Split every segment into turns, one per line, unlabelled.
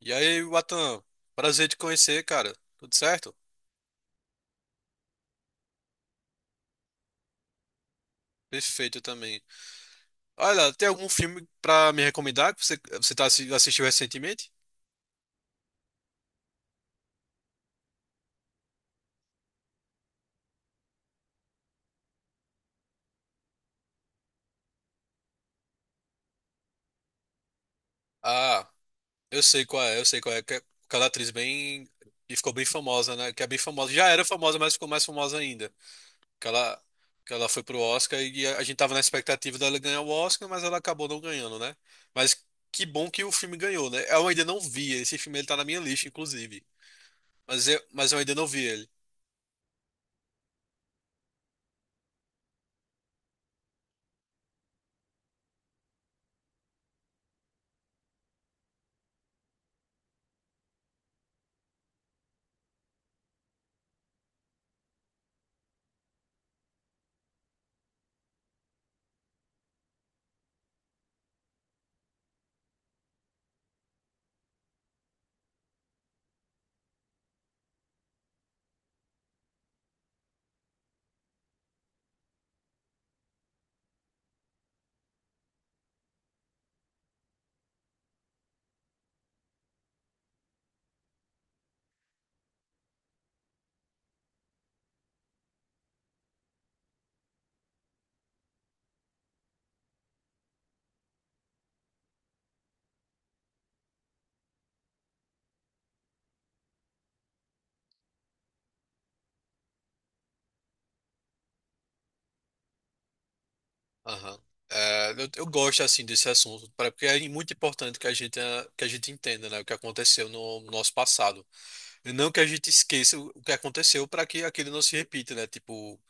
E aí, Watan, prazer te conhecer, cara. Tudo certo? Perfeito também. Olha, tem algum filme pra me recomendar que você tá, assistiu recentemente? Ah, eu sei qual é, eu sei qual é. Que é aquela atriz bem. E ficou bem famosa, né? Que é bem famosa. Já era famosa, mas ficou mais famosa ainda. que ela, que ela foi pro Oscar e a gente tava na expectativa dela ganhar o Oscar, mas ela acabou não ganhando, né? Mas que bom que o filme ganhou, né? Eu ainda não vi, esse filme ele tá na minha lista, inclusive. Mas eu ainda não vi ele. Aham. É, eu gosto assim desse assunto, porque é muito importante que a gente, que a gente entenda, né, o que aconteceu no nosso passado. E não que a gente esqueça o que aconteceu para que aquilo não se repita, né? Tipo,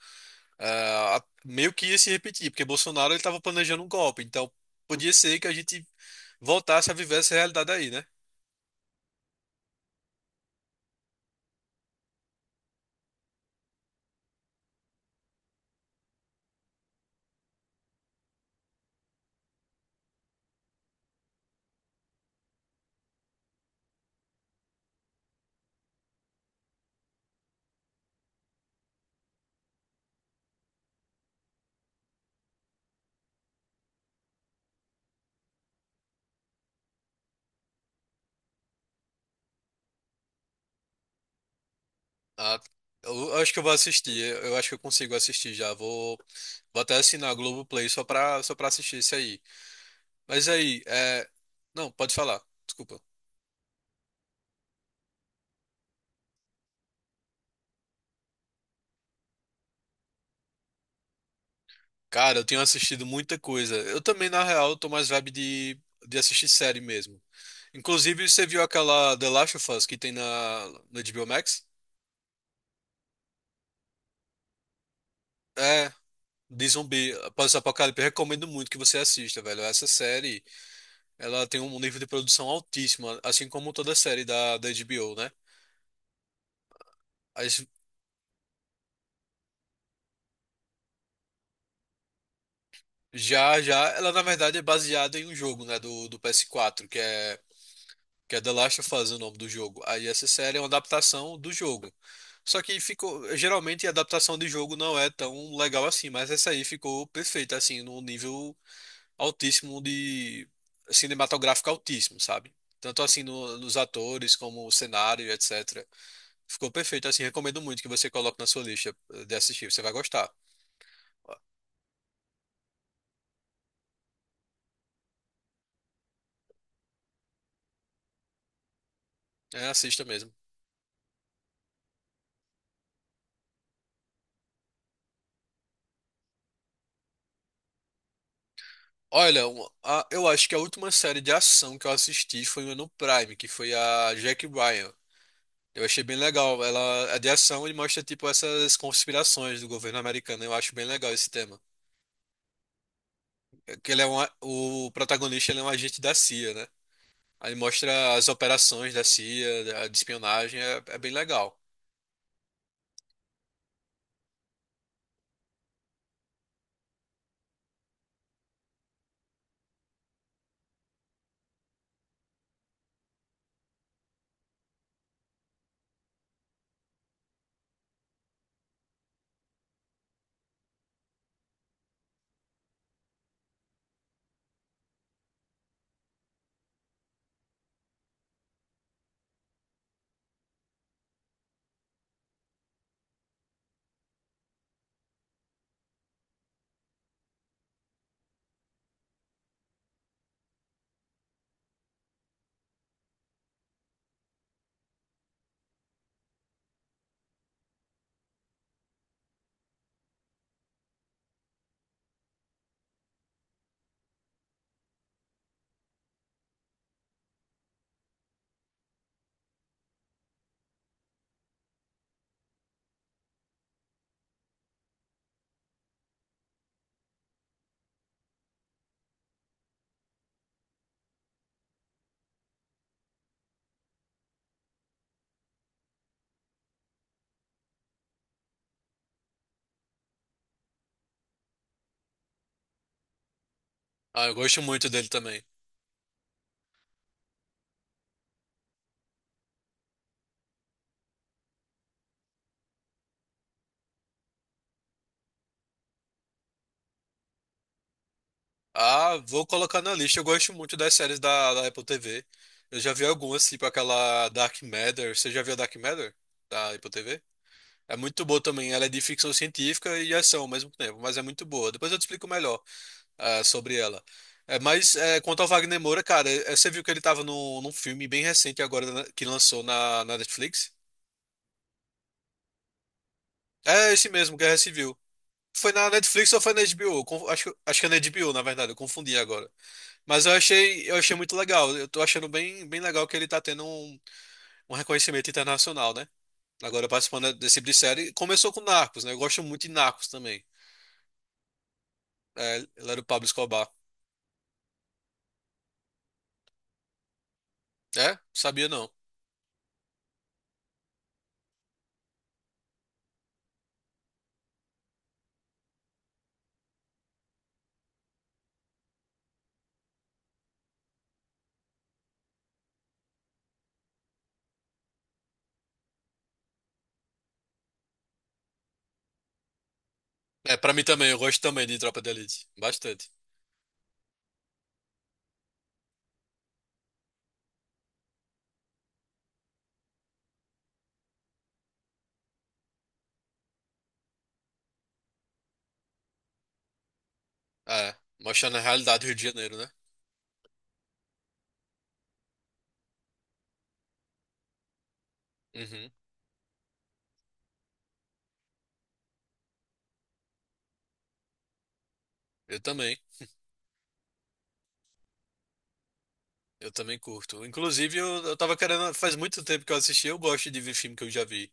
ah, meio que ia se repetir, porque Bolsonaro ele estava planejando um golpe, então podia ser que a gente voltasse a viver essa realidade aí, né? Ah, eu acho que eu vou assistir, eu acho que eu consigo assistir já, vou, vou até assinar a Globoplay só só pra assistir isso aí. Mas aí, é... Não, pode falar, desculpa. Cara, eu tenho assistido muita coisa, eu também, na real, eu tô mais de assistir série mesmo. Inclusive, você viu aquela The Last of Us que tem no HBO Max? É, de zumbi, pós-apocalipse, eu recomendo muito que você assista, velho. Essa série, ela tem um nível de produção altíssimo, assim como toda série da HBO, né? As- Já, já, ela na verdade é baseada em um jogo, né, do PS4, que é The Last of Us, o nome do jogo. Aí essa série é uma adaptação do jogo. Só que ficou, geralmente a adaptação de jogo não é tão legal assim, mas essa aí ficou perfeita, assim, num nível altíssimo de assim, cinematográfico altíssimo, sabe? Tanto assim nos atores como o cenário, etc. Ficou perfeito, assim, recomendo muito que você coloque na sua lista de assistir, você vai gostar. É, assista mesmo. Olha, eu acho que a última série de ação que eu assisti foi uma no Prime, que foi a Jack Ryan. Eu achei bem legal. Ela é de ação e mostra tipo essas conspirações do governo americano. Eu acho bem legal esse tema. Que ele é um, o protagonista ele é um agente da CIA, né? Aí mostra as operações da CIA, de espionagem, é, é bem legal. Ah, eu gosto muito dele também. Ah, vou colocar na lista. Eu gosto muito das séries da Apple TV. Eu já vi algumas, tipo aquela Dark Matter. Você já viu a Dark Matter da Apple TV? É muito boa também. Ela é de ficção científica e ação ao mesmo tempo, mas é muito boa. Depois eu te explico melhor. É, sobre ela. É, mas é, quanto ao Wagner Moura, cara, é, você viu que ele tava no, num filme bem recente agora né, que lançou na Netflix? É esse mesmo, Guerra Civil. Foi na Netflix ou foi na HBO? Acho, acho que é na HBO, na verdade, eu confundi agora. Eu achei muito legal. Eu tô achando bem, bem legal que ele tá tendo um, um reconhecimento internacional, né? Agora participando desse tipo de série. Começou com Narcos, né? Eu gosto muito de Narcos também. É, ele era o Pablo Escobar. É? Sabia não. É, pra mim também, eu gosto também de Tropa de Elite. Bastante. É, mostrando a realidade do Rio de Janeiro, né? Uhum. Eu também. Eu também curto. Inclusive, eu tava querendo. Faz muito tempo que eu assisti, eu gosto de ver filme que eu já vi.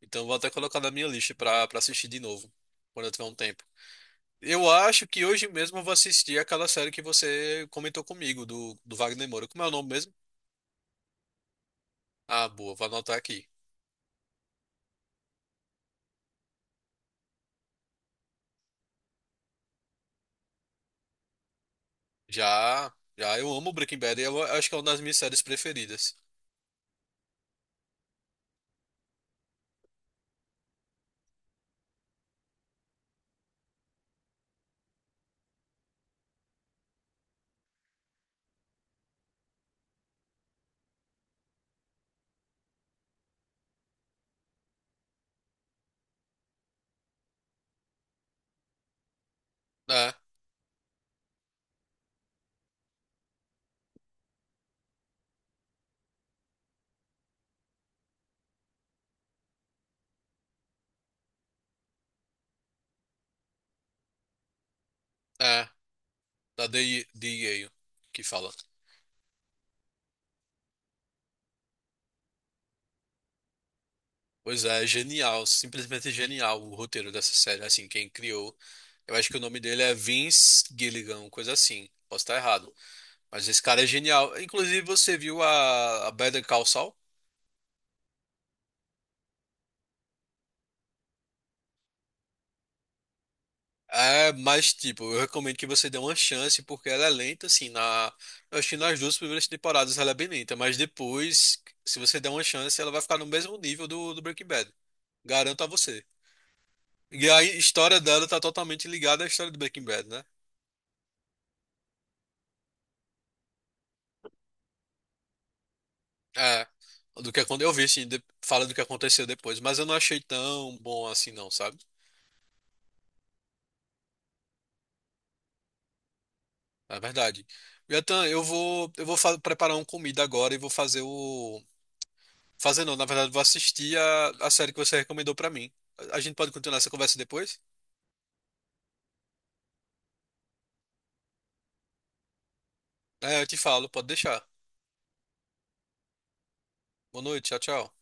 Então, vou até colocar na minha lista pra assistir de novo, quando eu tiver um tempo. Eu acho que hoje mesmo eu vou assistir aquela série que você comentou comigo, do Wagner Moura. Como é o nome mesmo? Ah, boa, vou anotar aqui. Já, já, eu amo Breaking Bad e eu acho que é uma das minhas séries preferidas. É, é, da DEA, que fala. Pois é, genial, simplesmente genial o roteiro dessa série. Assim, quem criou, eu acho que o nome dele é Vince Gilligan, coisa assim. Posso estar errado, mas esse cara é genial. Inclusive, você viu a Better Call Saul? É, mas tipo, eu recomendo que você dê uma chance porque ela é lenta, assim, na, eu acho que nas duas primeiras temporadas ela é bem lenta, mas depois, se você der uma chance, ela vai ficar no mesmo nível do Breaking Bad. Garanto a você. E a história dela tá totalmente ligada à história do Breaking Bad, né? É, do que quando eu vi, assim, fala do que aconteceu depois, mas eu não achei tão bom assim, não, sabe? É verdade. Yatan, eu vou, preparar uma comida agora e vou fazer o. Fazer não, na verdade, vou assistir a série que você recomendou pra mim. A gente pode continuar essa conversa depois? É, eu te falo, pode deixar. Boa noite, tchau, tchau.